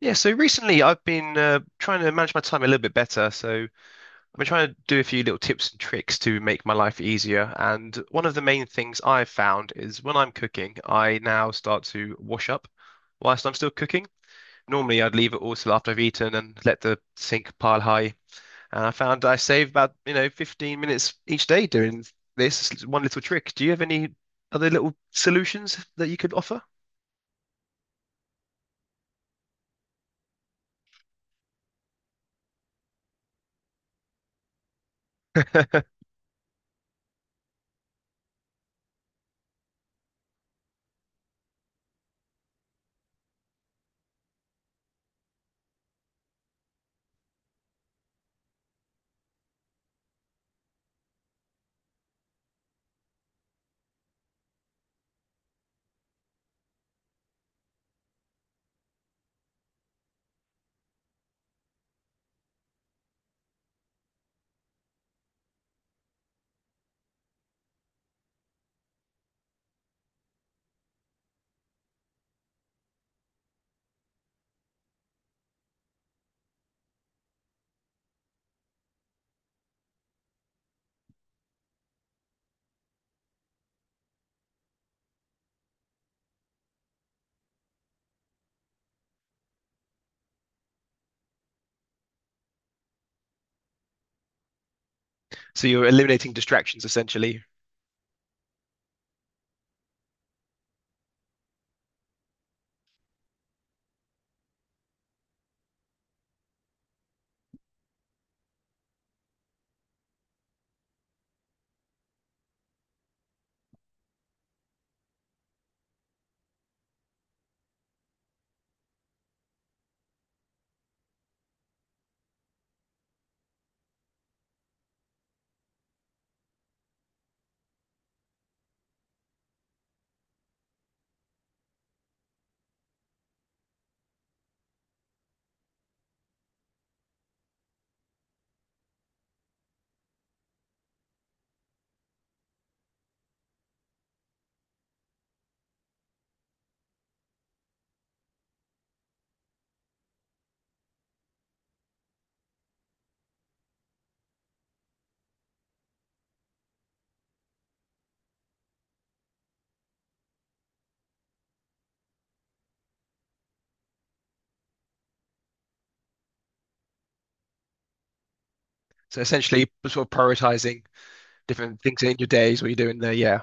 Yeah, so recently I've been trying to manage my time a little bit better. So I've been trying to do a few little tips and tricks to make my life easier. And one of the main things I've found is when I'm cooking, I now start to wash up whilst I'm still cooking. Normally I'd leave it all till after I've eaten and let the sink pile high. And I found I save about 15 minutes each day doing this. It's one little trick. Do you have any other little solutions that you could offer? So you're eliminating distractions essentially. So essentially, sort of prioritizing different things in your days, what you're doing there. Yeah.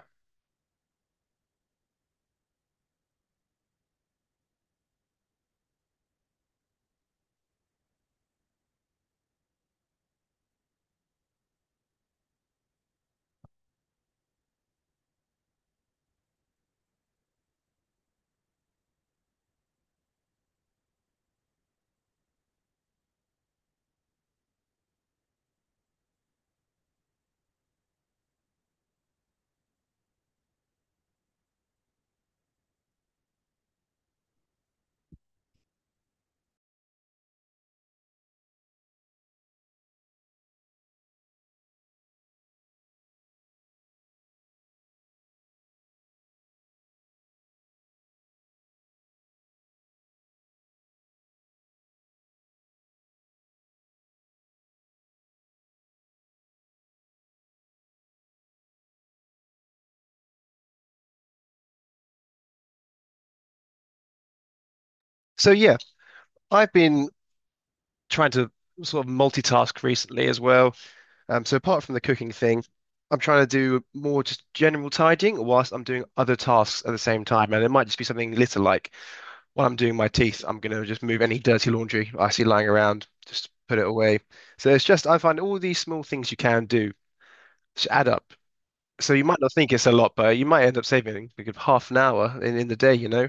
So yeah, I've been trying to sort of multitask recently as well. So apart from the cooking thing, I'm trying to do more just general tidying whilst I'm doing other tasks at the same time. And it might just be something little like while I'm doing my teeth, I'm going to just move any dirty laundry I see lying around, just put it away. So it's just, I find all these small things you can do just add up. So you might not think it's a lot, but you might end up saving like half an hour in the day, you know?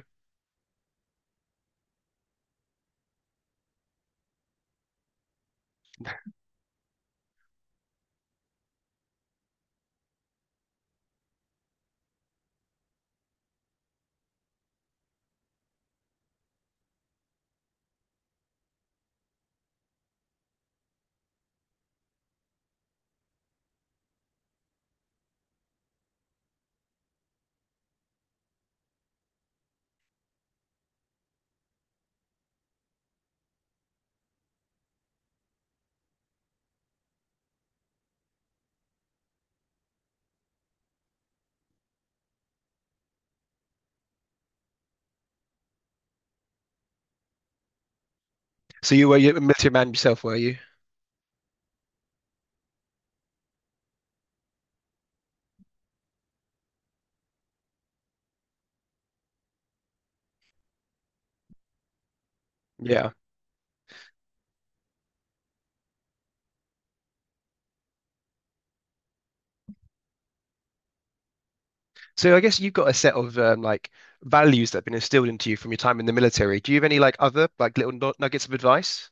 So you were you a military man yourself, were you? Yeah. So I guess you've got a set of like values that have been instilled into you from your time in the military. Do you have any like other like little nuggets of advice?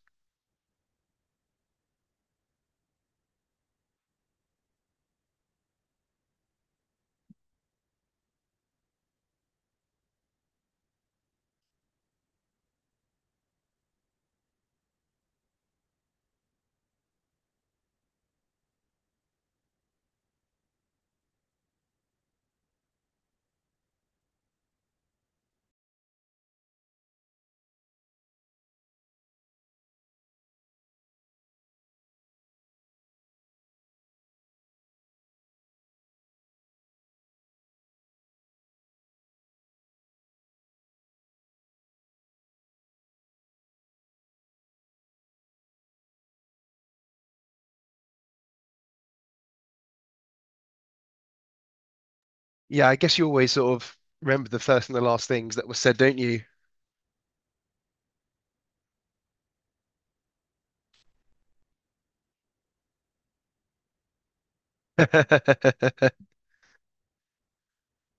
Yeah, I guess you always sort of remember the first and the last things that were said, don't you?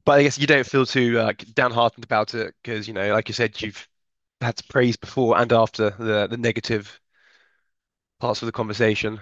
But I guess you don't feel too like downhearted about it because you know, like you said, you've had praise before and after the negative parts of the conversation?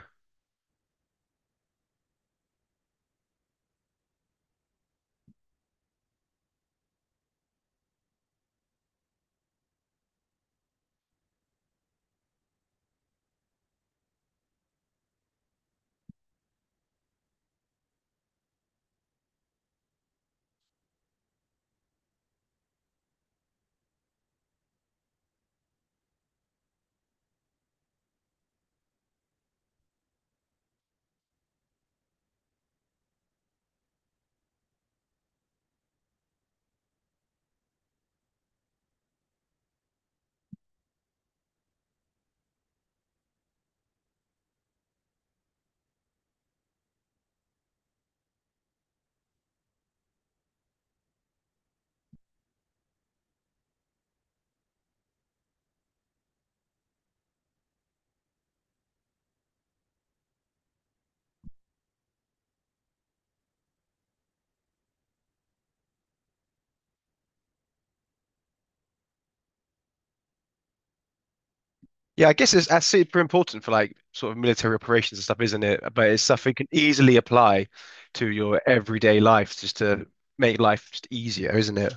Yeah, I guess it's that's super important for like sort of military operations and stuff, isn't it? But it's stuff you can easily apply to your everyday life just to make life just easier, isn't it?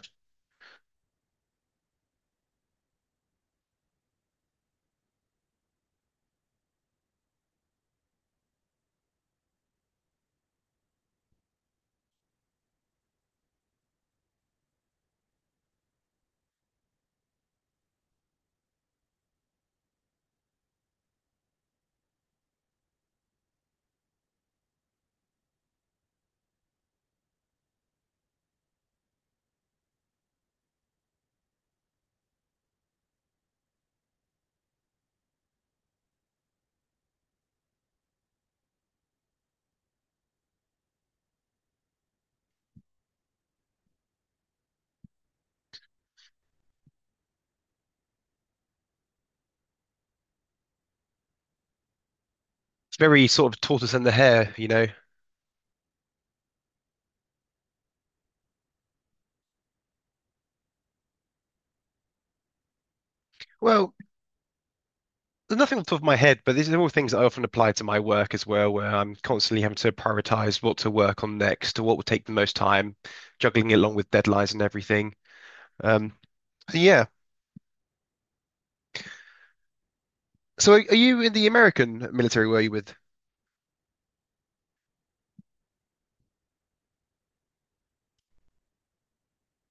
It's very sort of tortoise and the hare, you know. Well, there's nothing on the top of my head, but these are all things that I often apply to my work as well, where I'm constantly having to prioritize what to work on next, what will take the most time, juggling it along with deadlines and everything. Um, so yeah. So are you in the American military? Were you with?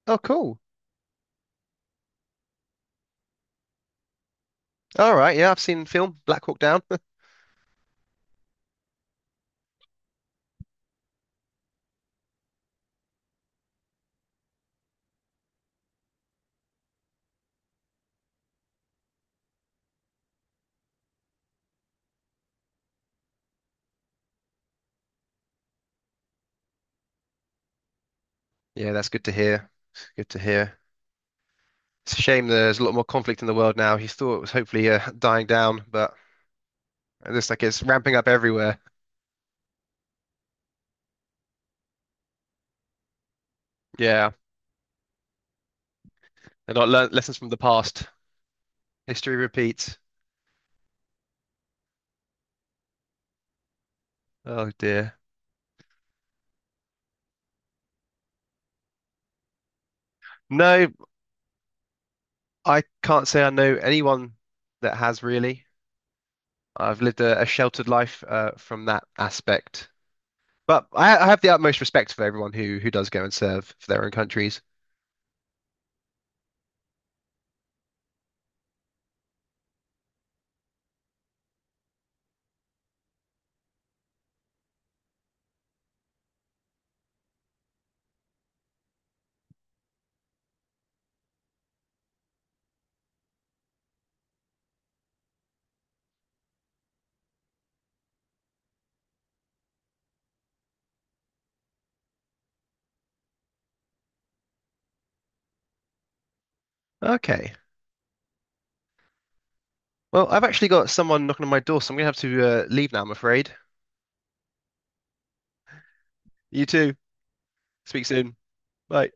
Oh, cool. All right. Yeah, I've seen film Black Hawk Down. Yeah, that's good to hear. Good to hear. It's a shame there's a lot more conflict in the world now. You thought it was hopefully dying down, but it looks like it's ramping up everywhere. Yeah, and are not learn lessons from the past. History repeats. Oh dear. No, I can't say I know anyone that has really. I've lived a sheltered life from that aspect. But I have the utmost respect for everyone who does go and serve for their own countries. Okay. Well, I've actually got someone knocking on my door, so I'm gonna have to leave now, I'm afraid. You too. Speak soon. Bye.